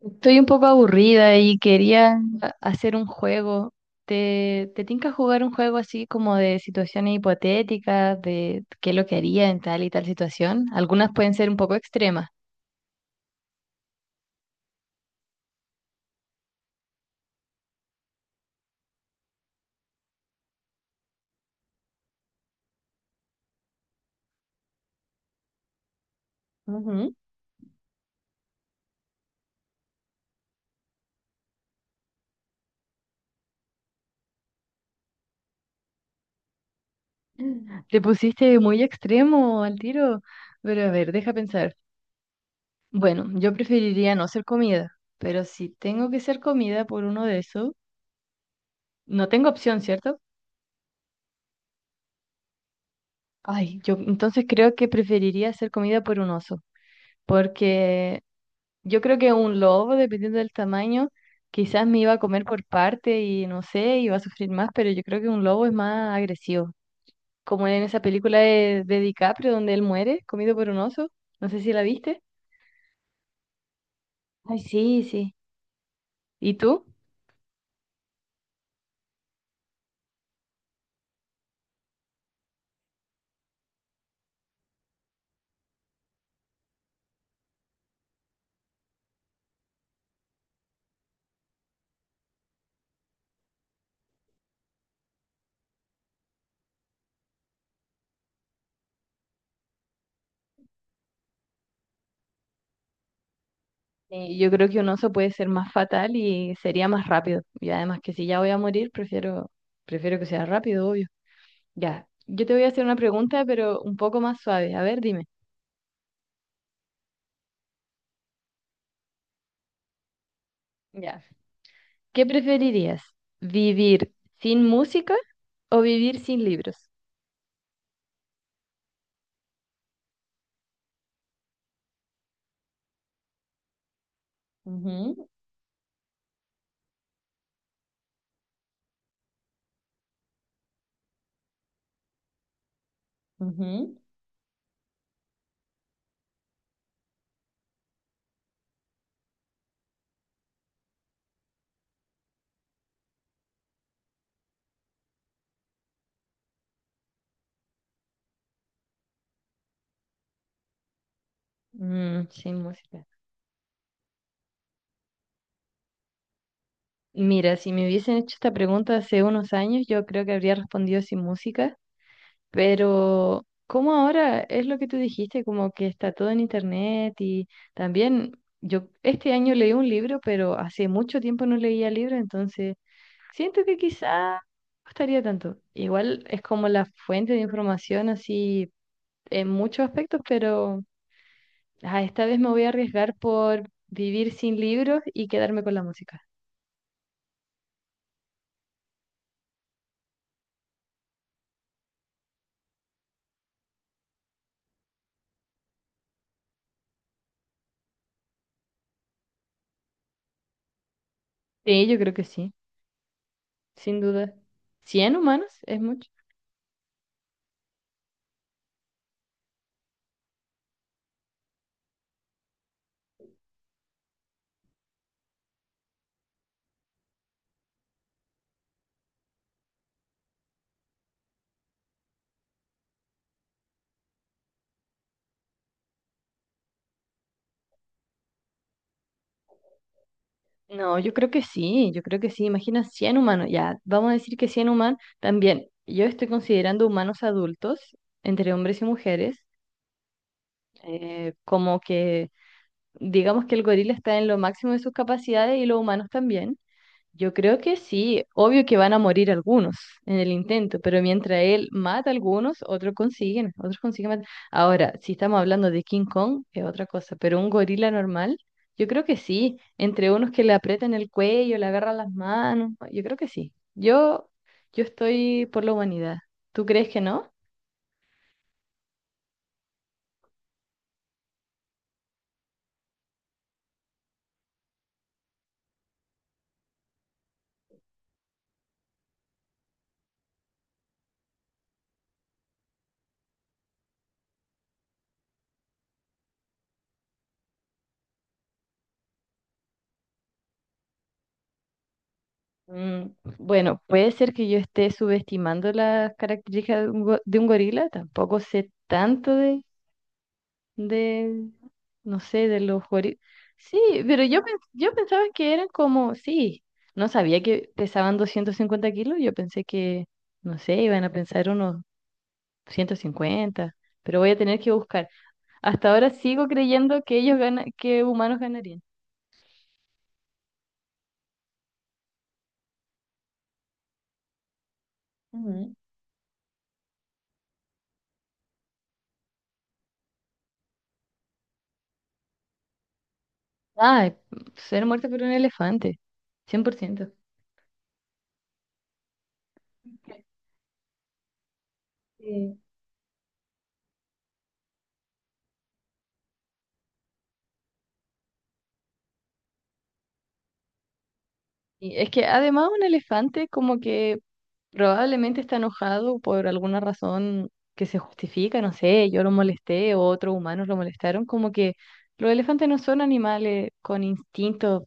Estoy un poco aburrida y quería hacer un juego. ¿Te tinca jugar un juego así como de situaciones hipotéticas, de qué es lo que haría en tal y tal situación? Algunas pueden ser un poco extremas. Ujú. Te pusiste muy extremo al tiro, pero a ver, deja pensar. Bueno, yo preferiría no ser comida, pero si tengo que ser comida por uno de esos, no tengo opción, ¿cierto? Ay, yo entonces creo que preferiría ser comida por un oso, porque yo creo que un lobo, dependiendo del tamaño, quizás me iba a comer por parte y no sé, iba a sufrir más, pero yo creo que un lobo es más agresivo. Como en esa película de DiCaprio donde él muere comido por un oso. No sé si la viste. Ay, sí, sí. ¿Y tú? Yo creo que un oso puede ser más fatal y sería más rápido. Y además que si ya voy a morir, prefiero que sea rápido, obvio. Ya. Yo te voy a hacer una pregunta, pero un poco más suave. A ver, dime. Ya. ¿Qué preferirías? ¿Vivir sin música o vivir sin libros? Ujú, ujú. Mm, sin música. Mira, si me hubiesen hecho esta pregunta hace unos años, yo creo que habría respondido sin música, pero como ahora es lo que tú dijiste, como que está todo en internet y también yo este año leí un libro, pero hace mucho tiempo no leía libros, entonces siento que quizá no estaría tanto. Igual es como la fuente de información así en muchos aspectos, pero ah, esta vez me voy a arriesgar por vivir sin libros y quedarme con la música. Sí, yo creo que sí, sin duda. ¿100 humanos es mucho? No, yo creo que sí, yo creo que sí. Imagina 100 humanos, ya, vamos a decir que 100 humanos también. Yo estoy considerando humanos adultos, entre hombres y mujeres, como que digamos que el gorila está en lo máximo de sus capacidades y los humanos también. Yo creo que sí, obvio que van a morir algunos en el intento, pero mientras él mata a algunos, otros consiguen matar. Ahora, si estamos hablando de King Kong, es otra cosa, pero un gorila normal, yo creo que sí, entre unos que le aprietan el cuello, le agarran las manos, yo creo que sí. Yo estoy por la humanidad. ¿Tú crees que no? Mm, bueno, puede ser que yo esté subestimando las características de un gorila, tampoco sé tanto de, no sé, de los juegos. Sí, pero yo pensaba que eran como, sí, no sabía que pesaban 250 kilos, yo pensé que, no sé, iban a pensar unos 150, pero voy a tener que buscar. Hasta ahora sigo creyendo que ellos ganan, que humanos ganarían. Ujú. Ah, ser muerto por un elefante, 100%. Sí. Y es que además un elefante como que probablemente está enojado por alguna razón que se justifica, no sé, yo lo molesté o otros humanos lo molestaron, como que los elefantes no son animales con instintos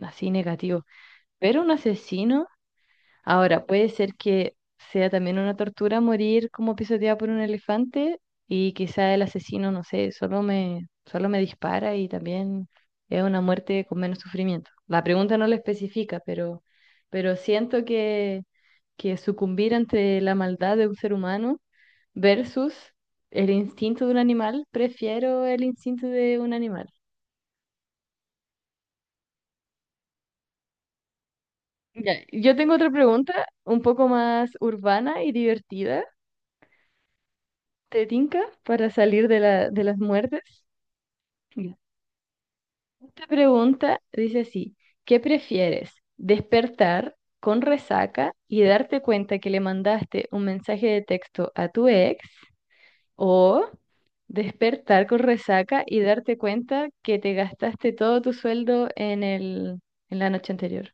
así negativos, pero un asesino... Ahora, puede ser que sea también una tortura morir como pisoteado por un elefante y quizá el asesino, no sé, solo me dispara y también es una muerte con menos sufrimiento. La pregunta no lo especifica, pero siento que sucumbir ante la maldad de un ser humano versus el instinto de un animal, prefiero el instinto de un animal. Ya, yo tengo otra pregunta, un poco más urbana y divertida. ¿Te tinca para salir de las muertes? Ya. Esta pregunta dice así, ¿qué prefieres? ¿Despertar con resaca y darte cuenta que le mandaste un mensaje de texto a tu ex? ¿O despertar con resaca y darte cuenta que te gastaste todo tu sueldo en la noche anterior?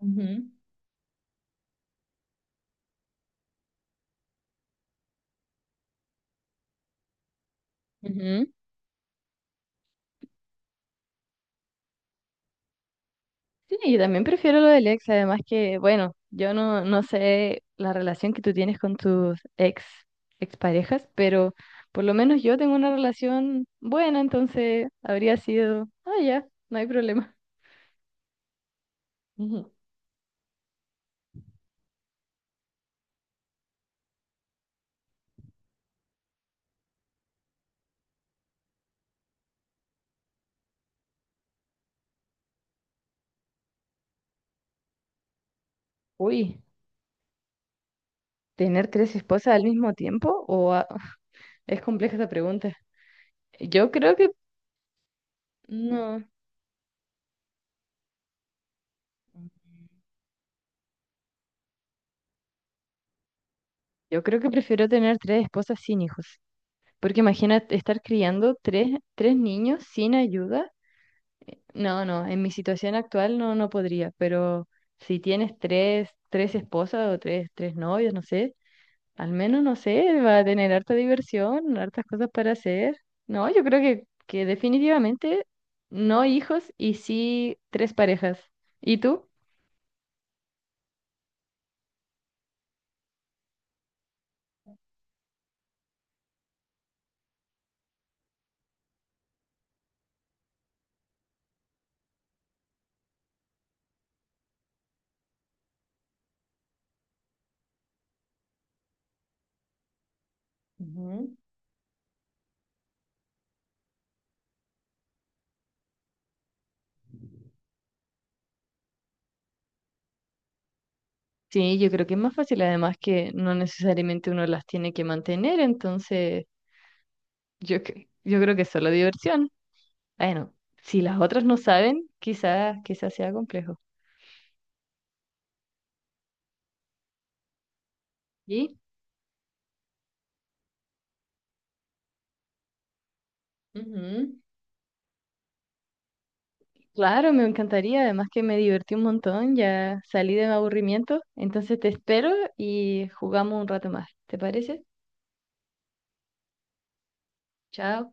Ujú, ujú. Sí, yo también prefiero lo del ex, además que, bueno, yo no, no sé la relación que tú tienes con tus exparejas, pero por lo menos yo tengo una relación buena, entonces habría sido, ah, ya, no hay problema. Ujú. Uy, ¿tener tres esposas al mismo tiempo? Es compleja esa pregunta. Yo creo que, no, yo creo que prefiero tener tres esposas sin hijos, porque imagínate estar criando tres niños sin ayuda. No, no, en mi situación actual no, no podría, pero si tienes tres esposas o tres novios, no sé, al menos, no sé, va a tener harta diversión, hartas cosas para hacer. No, yo creo que definitivamente no hijos y sí tres parejas. ¿Y tú? Ujú. Sí, yo creo que es más fácil, además que no necesariamente uno las tiene que mantener, entonces yo creo que es solo diversión. Bueno, si las otras no saben, quizás quizás sea complejo. ¿Y? Ujú. Claro, me encantaría. Además que me divertí un montón, ya salí de mi aburrimiento. Entonces te espero y jugamos un rato más. ¿Te parece? Chao.